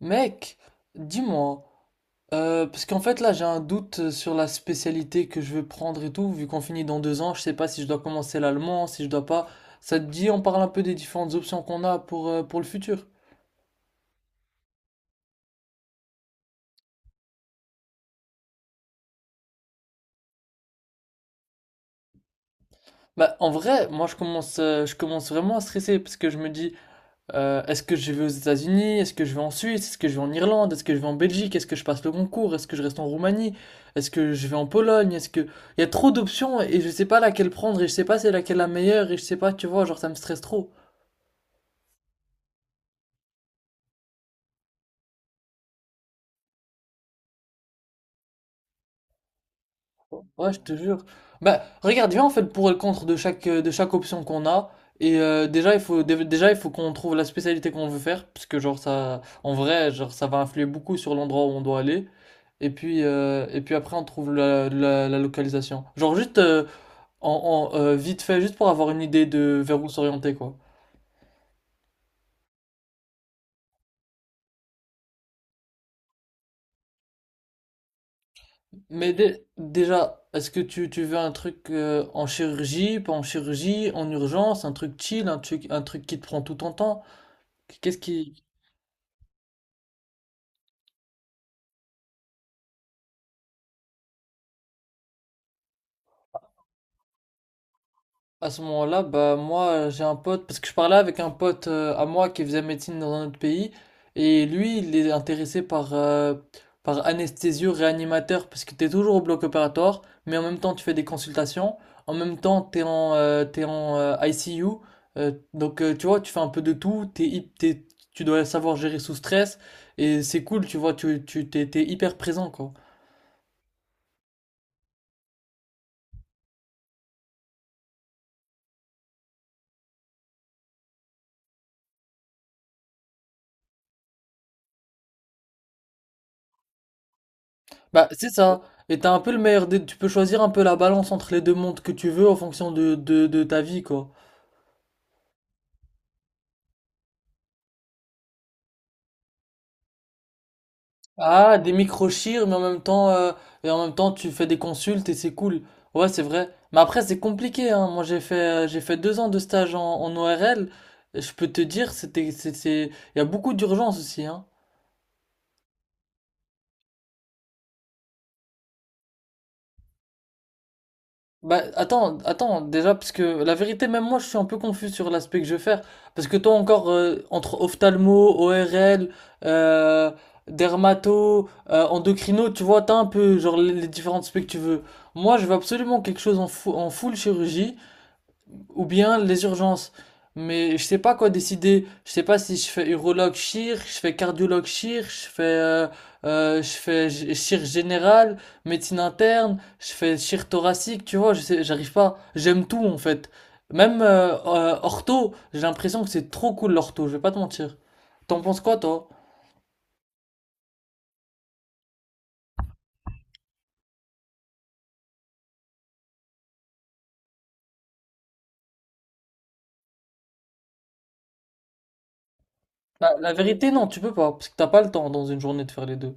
Mec, dis-moi, parce qu'en fait là j'ai un doute sur la spécialité que je veux prendre et tout, vu qu'on finit dans 2 ans, je sais pas si je dois commencer l'allemand, si je dois pas. Ça te dit, on parle un peu des différentes options qu'on a pour le futur. Bah en vrai, moi je commence vraiment à stresser parce que je me dis, est-ce que je vais aux États-Unis? Est-ce que je vais en Suisse? Est-ce que je vais en Irlande? Est-ce que je vais en Belgique? Est-ce que je passe le concours? Est-ce que je reste en Roumanie? Est-ce que je vais en Pologne? Est-ce que... Il y a trop d'options et je sais pas laquelle prendre et je sais pas si c'est laquelle la meilleure et je sais pas, tu vois, genre ça me stresse trop. Ouais, je te jure. Bah, regarde viens en fait le pour et le contre de chaque option qu'on a. Déjà, il faut, déjà, il faut qu'on trouve la spécialité qu'on veut faire. Parce que, genre, ça, en vrai, genre, ça va influer beaucoup sur l'endroit où on doit aller. Et puis après, on trouve la localisation. Genre, juste vite fait, juste pour avoir une idée de vers où s'orienter, quoi. Mais déjà, est-ce que tu veux un truc en chirurgie, pas en chirurgie, en urgence, un truc chill, un truc qui te prend tout ton temps? Qu'est-ce qui... À ce moment-là, bah moi j'ai un pote, parce que je parlais avec un pote à moi qui faisait médecine dans un autre pays, et lui il est intéressé par anesthésio réanimateur, parce que t'es toujours au bloc opératoire, mais en même temps tu fais des consultations, en même temps t'es en ICU, donc, tu vois tu fais un peu de tout, tu dois savoir gérer sous stress, et c'est cool, tu vois, t'es hyper présent quoi. Bah, c'est ça. Et t'as un peu le meilleur des... Tu peux choisir un peu la balance entre les deux mondes que tu veux en fonction de ta vie, quoi. Ah, des micro-chires, mais en même temps, et en même temps, tu fais des consultes et c'est cool. Ouais, c'est vrai. Mais après, c'est compliqué, hein. Moi, j'ai fait 2 ans de stage en ORL. Je peux te dire, il y a beaucoup d'urgence aussi, hein. Bah attends, attends, déjà parce que la vérité même moi je suis un peu confus sur l'aspect que je vais faire parce que toi encore entre ophtalmo, ORL, euh, dermato, endocrino, tu vois, t'as un peu genre les différentes specs que tu veux. Moi, je veux absolument quelque chose en full chirurgie ou bien les urgences. Mais je sais pas quoi décider. Je sais pas si je fais urologue chir, je fais cardiologue chir, je fais chir général, médecine interne, je fais chir thoracique, tu vois, je sais, j'arrive pas. J'aime tout en fait. Même ortho, j'ai l'impression que c'est trop cool l'ortho, je vais pas te mentir. T'en penses quoi toi? Bah, la vérité non, tu peux pas parce que t'as pas le temps dans une journée de faire les deux.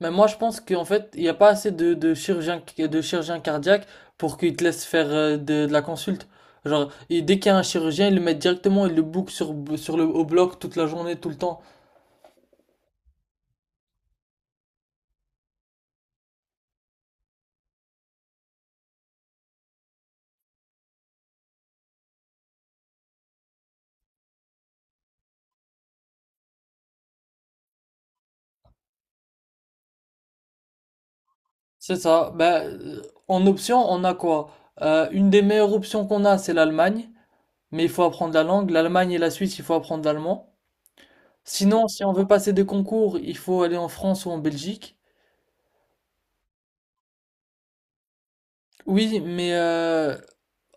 Mais moi, je pense qu'en fait, il n'y a pas assez de chirurgiens, de chirurgiens cardiaques pour qu'ils te laissent faire de la consulte. Genre, et dès qu'il y a un chirurgien, ils le mettent directement, ils le bookent sur, sur le, au bloc toute la journée, tout le temps. C'est ça. Ben, en option, on a quoi? Une des meilleures options qu'on a, c'est l'Allemagne. Mais il faut apprendre la langue. L'Allemagne et la Suisse, il faut apprendre l'allemand. Sinon, si on veut passer des concours, il faut aller en France ou en Belgique. Oui, mais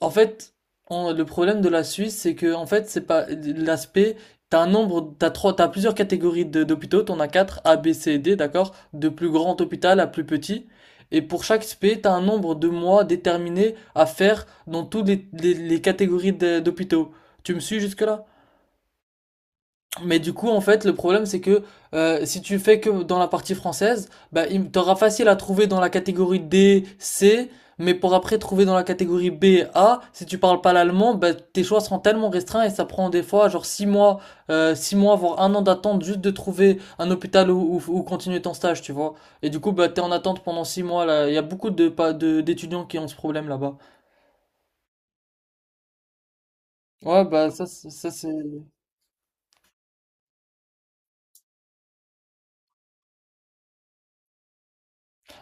en fait, le problème de la Suisse, c'est que en fait, c'est pas l'aspect. T'as un nombre, t'as trois, t'as plusieurs catégories d'hôpitaux. T'en as quatre, A, B, C, D, d'accord? De plus grand hôpital à plus petit. Et pour chaque spé, t'as un nombre de mois déterminé à faire dans toutes les, les catégories d'hôpitaux. Tu me suis jusque-là? Mais du coup, en fait, le problème, c'est que si tu fais que dans la partie française, bah, il t'aura facile à trouver dans la catégorie D, C, mais pour après trouver dans la catégorie B, A, si tu parles pas l'allemand, bah, tes choix seront tellement restreints et ça prend des fois genre six mois, voire un an d'attente juste de trouver un hôpital où continuer ton stage, tu vois. Et du coup, bah, t'es en attente pendant 6 mois, là. Il y a beaucoup de, pas de, d'étudiants qui ont ce problème là-bas. Ouais, bah, ça, c'est... ça, c'est...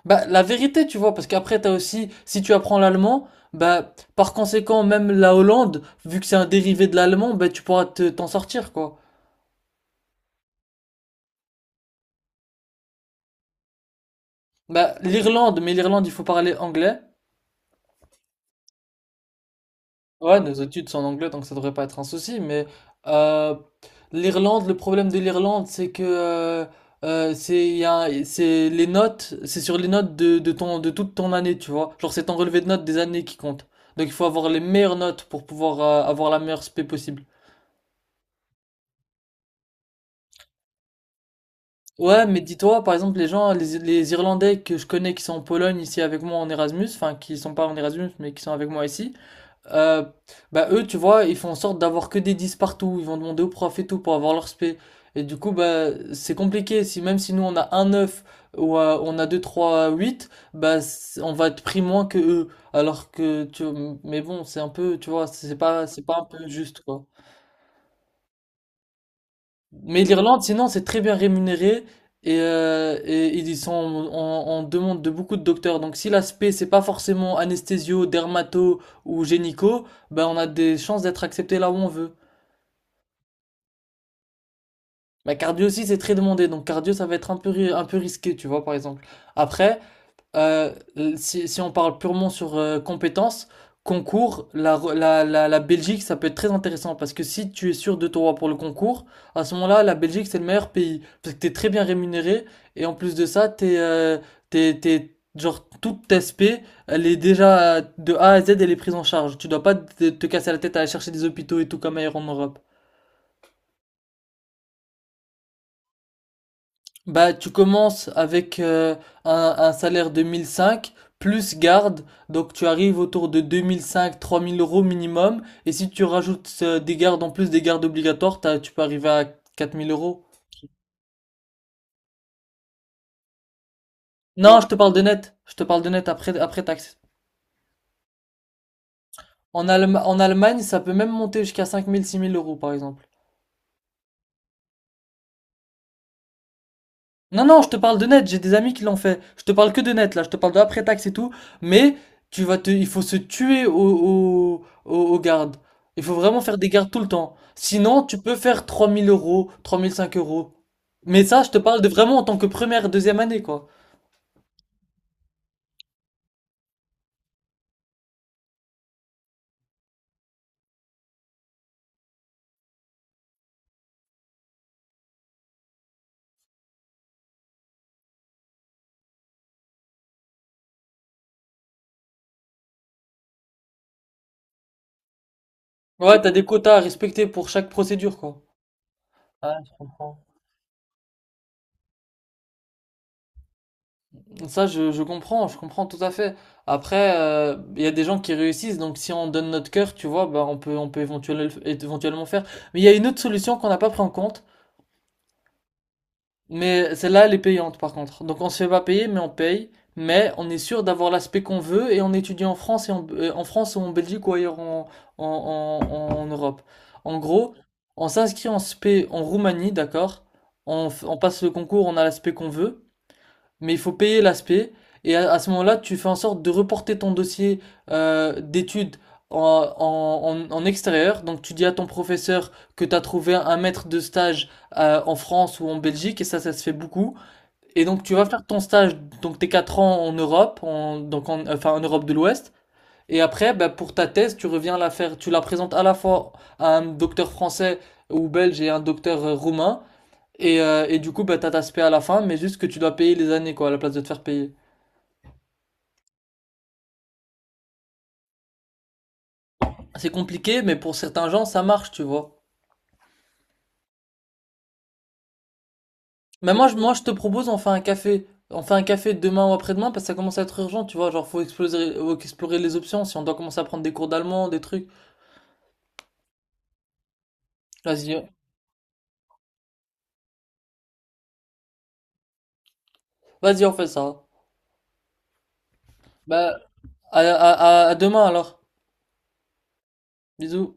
Bah, la vérité, tu vois, parce qu'après, t'as aussi, si tu apprends l'allemand, bah, par conséquent, même la Hollande, vu que c'est un dérivé de l'allemand, bah, tu pourras te, t'en sortir, quoi. Bah, l'Irlande, mais l'Irlande, il faut parler anglais. Ouais, nos études sont en anglais, donc ça devrait pas être un souci, mais, euh, l'Irlande, le problème de l'Irlande, c'est que, c'est, il y a, c'est les notes, c'est sur les notes de ton, de toute ton année, tu vois. Genre, c'est ton relevé de notes des années qui compte. Donc, il faut avoir les meilleures notes pour pouvoir, avoir la meilleure spé possible. Ouais, mais dis-toi, par exemple, les gens, les Irlandais que je connais qui sont en Pologne ici avec moi en Erasmus, enfin qui sont pas en Erasmus mais qui sont avec moi ici, euh, bah eux, tu vois, ils font en sorte d'avoir que des 10 partout, ils vont demander au prof et tout pour avoir leur spé. Et du coup, bah c'est compliqué, si même si nous on a un 9 ou on a 2 3 8, bah c'est... on va être pris moins que eux. Alors que, tu... mais bon, c'est un peu, tu vois, c'est pas un peu juste, quoi. Mais l'Irlande, sinon, c'est très bien rémunéré et ils sont en, en demande de beaucoup de docteurs. Donc, si l'aspect, c'est pas forcément anesthésio, dermato ou génico, ben, on a des chances d'être accepté là où on veut. Mais cardio aussi, c'est très demandé. Donc, cardio, ça va être un peu, un peu risqué, tu vois, par exemple. Après, si on parle purement sur compétences, concours, la Belgique, ça peut être très intéressant parce que si tu es sûr de toi pour le concours, à ce moment-là, la Belgique, c'est le meilleur pays parce que t'es très bien rémunéré et en plus de ça, t'es, genre, toute ta SP, elle est déjà de A à Z, elle est prise en charge. Tu dois pas te casser la tête à aller chercher des hôpitaux et tout comme ailleurs en Europe. Bah, tu commences avec un salaire de 1005 plus garde, donc tu arrives autour de deux mille cinq 3 000 euros minimum. Et si tu rajoutes des gardes en plus des gardes obligatoires, tu peux arriver à 4 000 euros. Non, je te parle de net. Je te parle de net après, après taxe. En Allemagne, ça peut même monter jusqu'à 5 000 6 000 euros par exemple. Non, non, je te parle de net, j'ai des amis qui l'ont fait. Je te parle que de net, là, je te parle de après-taxe et tout. Mais il faut se tuer aux gardes. Il faut vraiment faire des gardes tout le temps. Sinon, tu peux faire 3 000 euros, 3 500 euros. Mais ça, je te parle de vraiment en tant que première, deuxième année, quoi. Ouais, t'as des quotas à respecter pour chaque procédure, quoi. Ouais, je comprends. Ça, je comprends tout à fait. Après, il y a des gens qui réussissent, donc si on donne notre cœur, tu vois, bah, on peut éventuellement, éventuellement faire. Mais il y a une autre solution qu'on n'a pas pris en compte, mais celle-là, elle est payante par contre. Donc on se fait pas payer, mais on paye, mais on est sûr d'avoir l'aspect qu'on veut et on étudie en France et en France ou en Belgique ou ailleurs en, en Europe. En gros, on s'inscrit en Spé en Roumanie, d'accord? On passe le concours, on a l'aspect qu'on veut mais il faut payer l'aspect. Et à ce moment-là, tu fais en sorte de reporter ton dossier d'études en, en extérieur. Donc tu dis à ton professeur que tu as trouvé un maître de stage en France ou en Belgique, et ça se fait beaucoup. Et donc tu vas faire ton stage, donc tes 4 ans en Europe, donc enfin en Europe de l'Ouest. Et après, bah, pour ta thèse, tu reviens la faire, tu la présentes à la fois à un docteur français ou belge et un docteur roumain. Et du coup, bah, t'as ta spé à la fin, mais juste que tu dois payer les années, quoi, à la place de te faire payer. C'est compliqué, mais pour certains gens, ça marche, tu vois. Mais moi, je te propose, on fait un café. On fait un café demain ou après-demain, parce que ça commence à être urgent, tu vois. Genre, faut explorer les options, si on doit commencer à prendre des cours d'allemand, des trucs. Vas-y, vas-y, on fait ça. Bah, à, à, à demain, alors. Bisous.